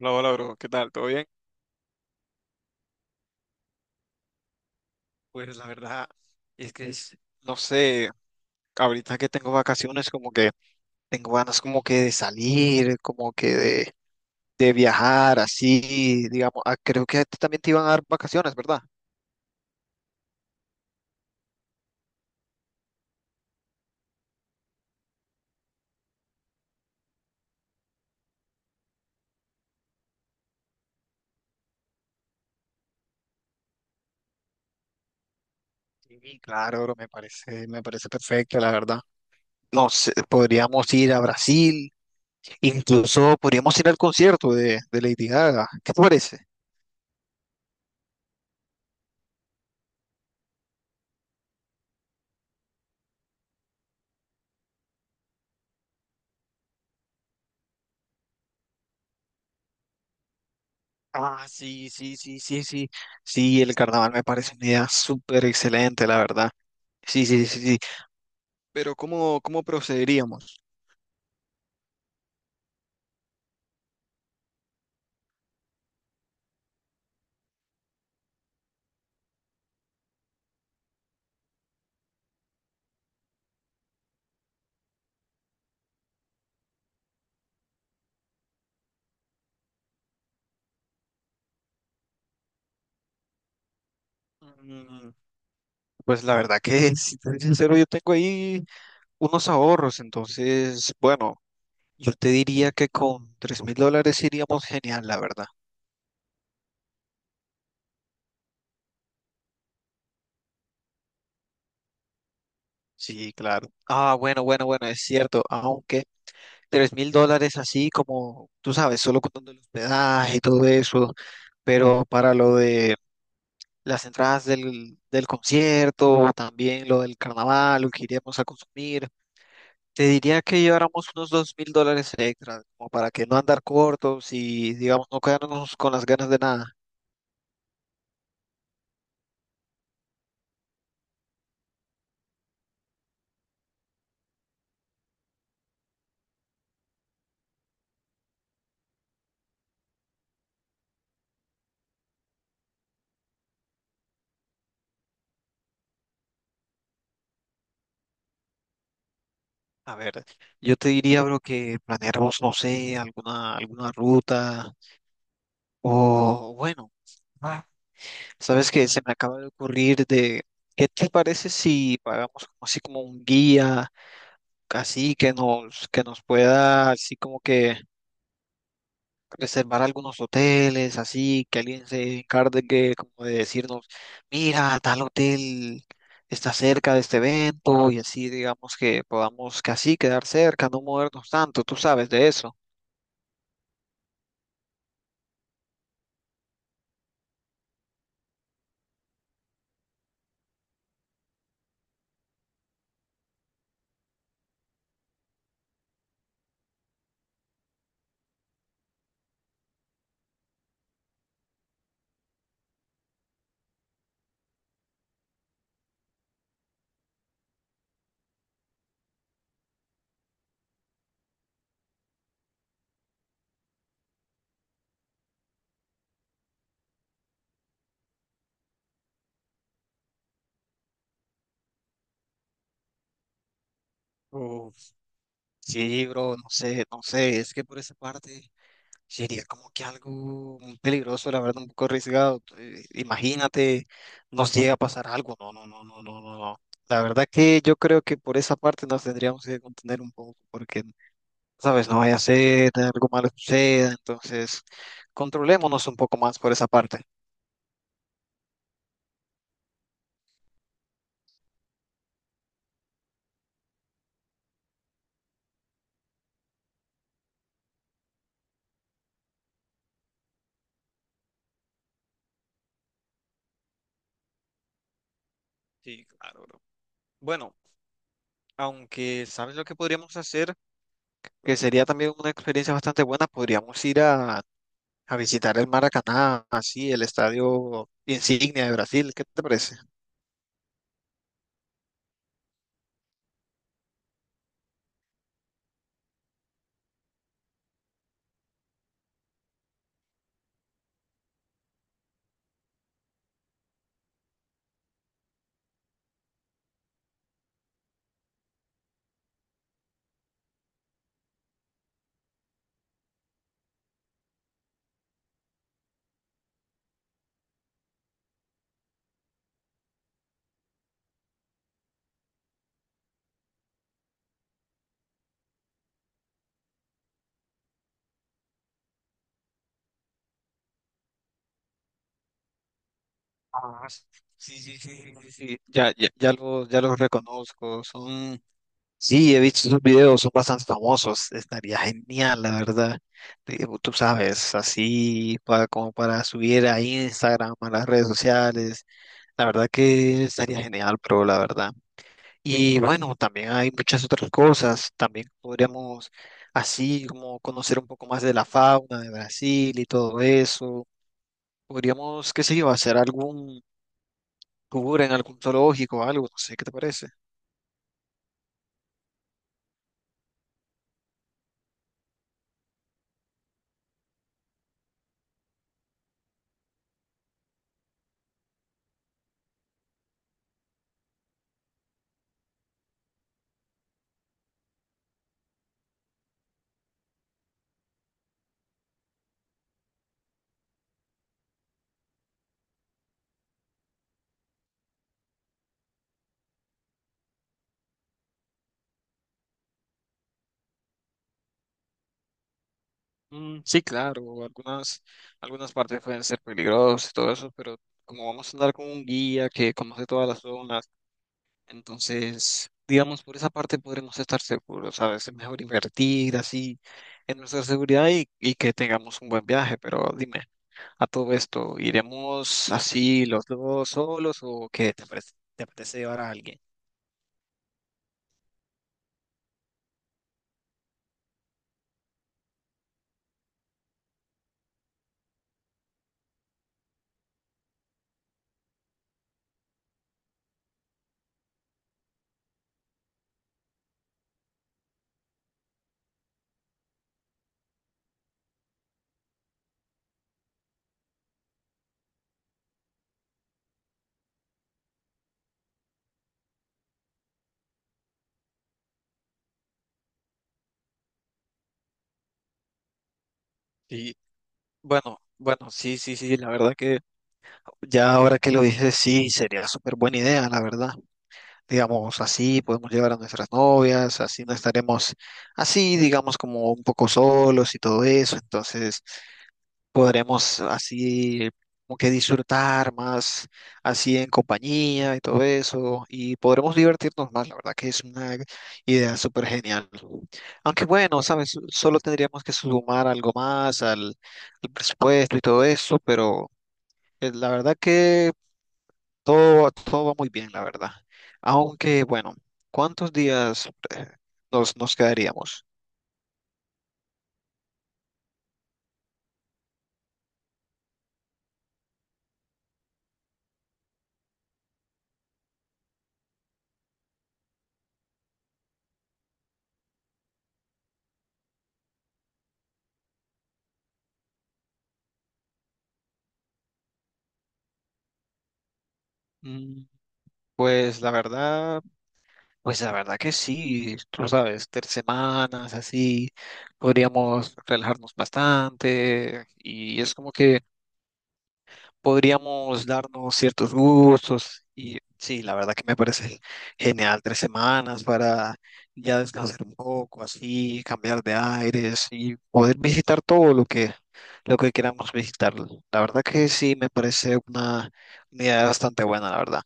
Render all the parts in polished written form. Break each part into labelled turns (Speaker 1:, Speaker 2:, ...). Speaker 1: Hola, hola, bro. ¿Qué tal? ¿Todo bien? Pues la verdad es que no sé, ahorita que tengo vacaciones como que tengo ganas como que de salir, como que de viajar, así, digamos. Ah, creo que a ti también te iban a dar vacaciones, ¿verdad? Sí, claro, bro, me parece perfecto, la verdad. No sé, podríamos ir a Brasil, incluso podríamos ir al concierto de Lady Gaga. ¿Qué te parece? Ah, sí, sí, sí, sí, sí. Sí, el carnaval me parece una idea súper excelente, la verdad. Sí, sí, sí, sí. Pero ¿cómo procederíamos? Mm, Pues la verdad que, si te soy sincero, yo tengo ahí unos ahorros, entonces, bueno, yo te diría que con $3,000 iríamos genial, la verdad. Sí, claro. Ah, bueno, bueno, bueno, es cierto, aunque $3,000 así como, tú sabes, solo contando el hospedaje y todo eso, pero para lo de las entradas del concierto, también lo del carnaval, lo que iríamos a consumir. Te diría que lleváramos unos $2,000 extra, como para que no andar cortos y, digamos, no quedarnos con las ganas de nada. A ver, yo te diría, bro, que planeáramos, no sé, alguna ruta o, bueno, ah, sabes que se me acaba de ocurrir de, ¿qué te parece si pagamos como así como un guía, así que nos pueda, así como que reservar algunos hoteles, así que alguien se encargue como de decirnos, mira, tal hotel está cerca de este evento y así digamos que podamos casi quedar cerca, no movernos tanto, tú sabes de eso. Uf, sí, bro, no sé, no sé, es que por esa parte sería como que algo muy peligroso, la verdad, un poco arriesgado. Imagínate, nos llega a pasar algo, no, no, no, no, no, no, no. La verdad que yo creo que por esa parte nos tendríamos que contener un poco, porque ¿sabes? No vaya a ser, algo malo suceda, entonces controlémonos un poco más por esa parte. Sí, claro, bro. Bueno, aunque sabes lo que podríamos hacer, que sería también una experiencia bastante buena, podríamos ir a visitar el Maracaná, así, el estadio insignia de Brasil, ¿qué te parece? Ah, sí, sí, sí, sí, sí, sí. Sí, ya, ya, ya los reconozco, son. Sí, he visto esos videos, son bastante famosos. Estaría genial, la verdad. Tú sabes, así para, como para subir a Instagram, a las redes sociales. La verdad que estaría genial, pero la verdad. Y bueno, también hay muchas otras cosas. También podríamos así como conocer un poco más de la fauna de Brasil y todo eso. Podríamos, qué sé yo, hacer algún tour en algún zoológico o algo, no sé, ¿qué te parece? Mm, sí, claro, algunas partes pueden ser peligrosas y todo eso, pero como vamos a andar con un guía que conoce todas las zonas, entonces, digamos, por esa parte podremos estar seguros, ¿sabes? Es mejor invertir así en nuestra seguridad y que tengamos un buen viaje, pero dime, a todo esto, ¿iremos así los dos solos o qué te parece, te apetece llevar a alguien? Y bueno, bueno, sí, sí, sí, la verdad que ya ahora que lo dices, sí, sería súper buena idea, la verdad. Digamos, así podemos llevar a nuestras novias, así no estaremos así, digamos, como un poco solos y todo eso, entonces podremos así como que disfrutar más, así en compañía y todo eso, y podremos divertirnos más, la verdad que es una idea súper genial. Aunque bueno, sabes, solo tendríamos que sumar algo más al presupuesto y todo eso, pero. La verdad que todo, todo va muy bien, la verdad. Aunque, bueno, ¿cuántos días eh, nos quedaríamos? Mm, Pues la verdad, pues la verdad que sí, tú sabes, 3 semanas así, podríamos relajarnos bastante y es como que podríamos darnos ciertos gustos y sí, la verdad que me parece genial 3 semanas para ya descansar un poco, así, cambiar de aires y poder visitar todo lo que, queramos visitar. La verdad que sí, me parece una idea bastante buena, la verdad.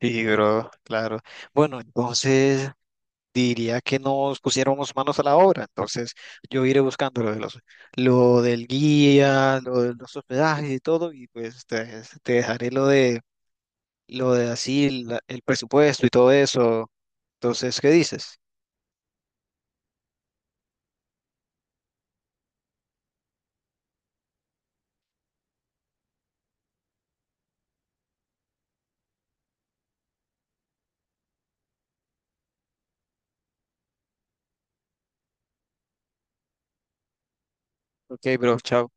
Speaker 1: Sí, bro, claro. Bueno, entonces diría que nos pusiéramos manos a la obra. Entonces, yo iré buscando lo del guía, lo de los hospedajes y todo, y pues te dejaré lo de así, el presupuesto y todo eso. Entonces, ¿qué dices? Ok, bro, chao.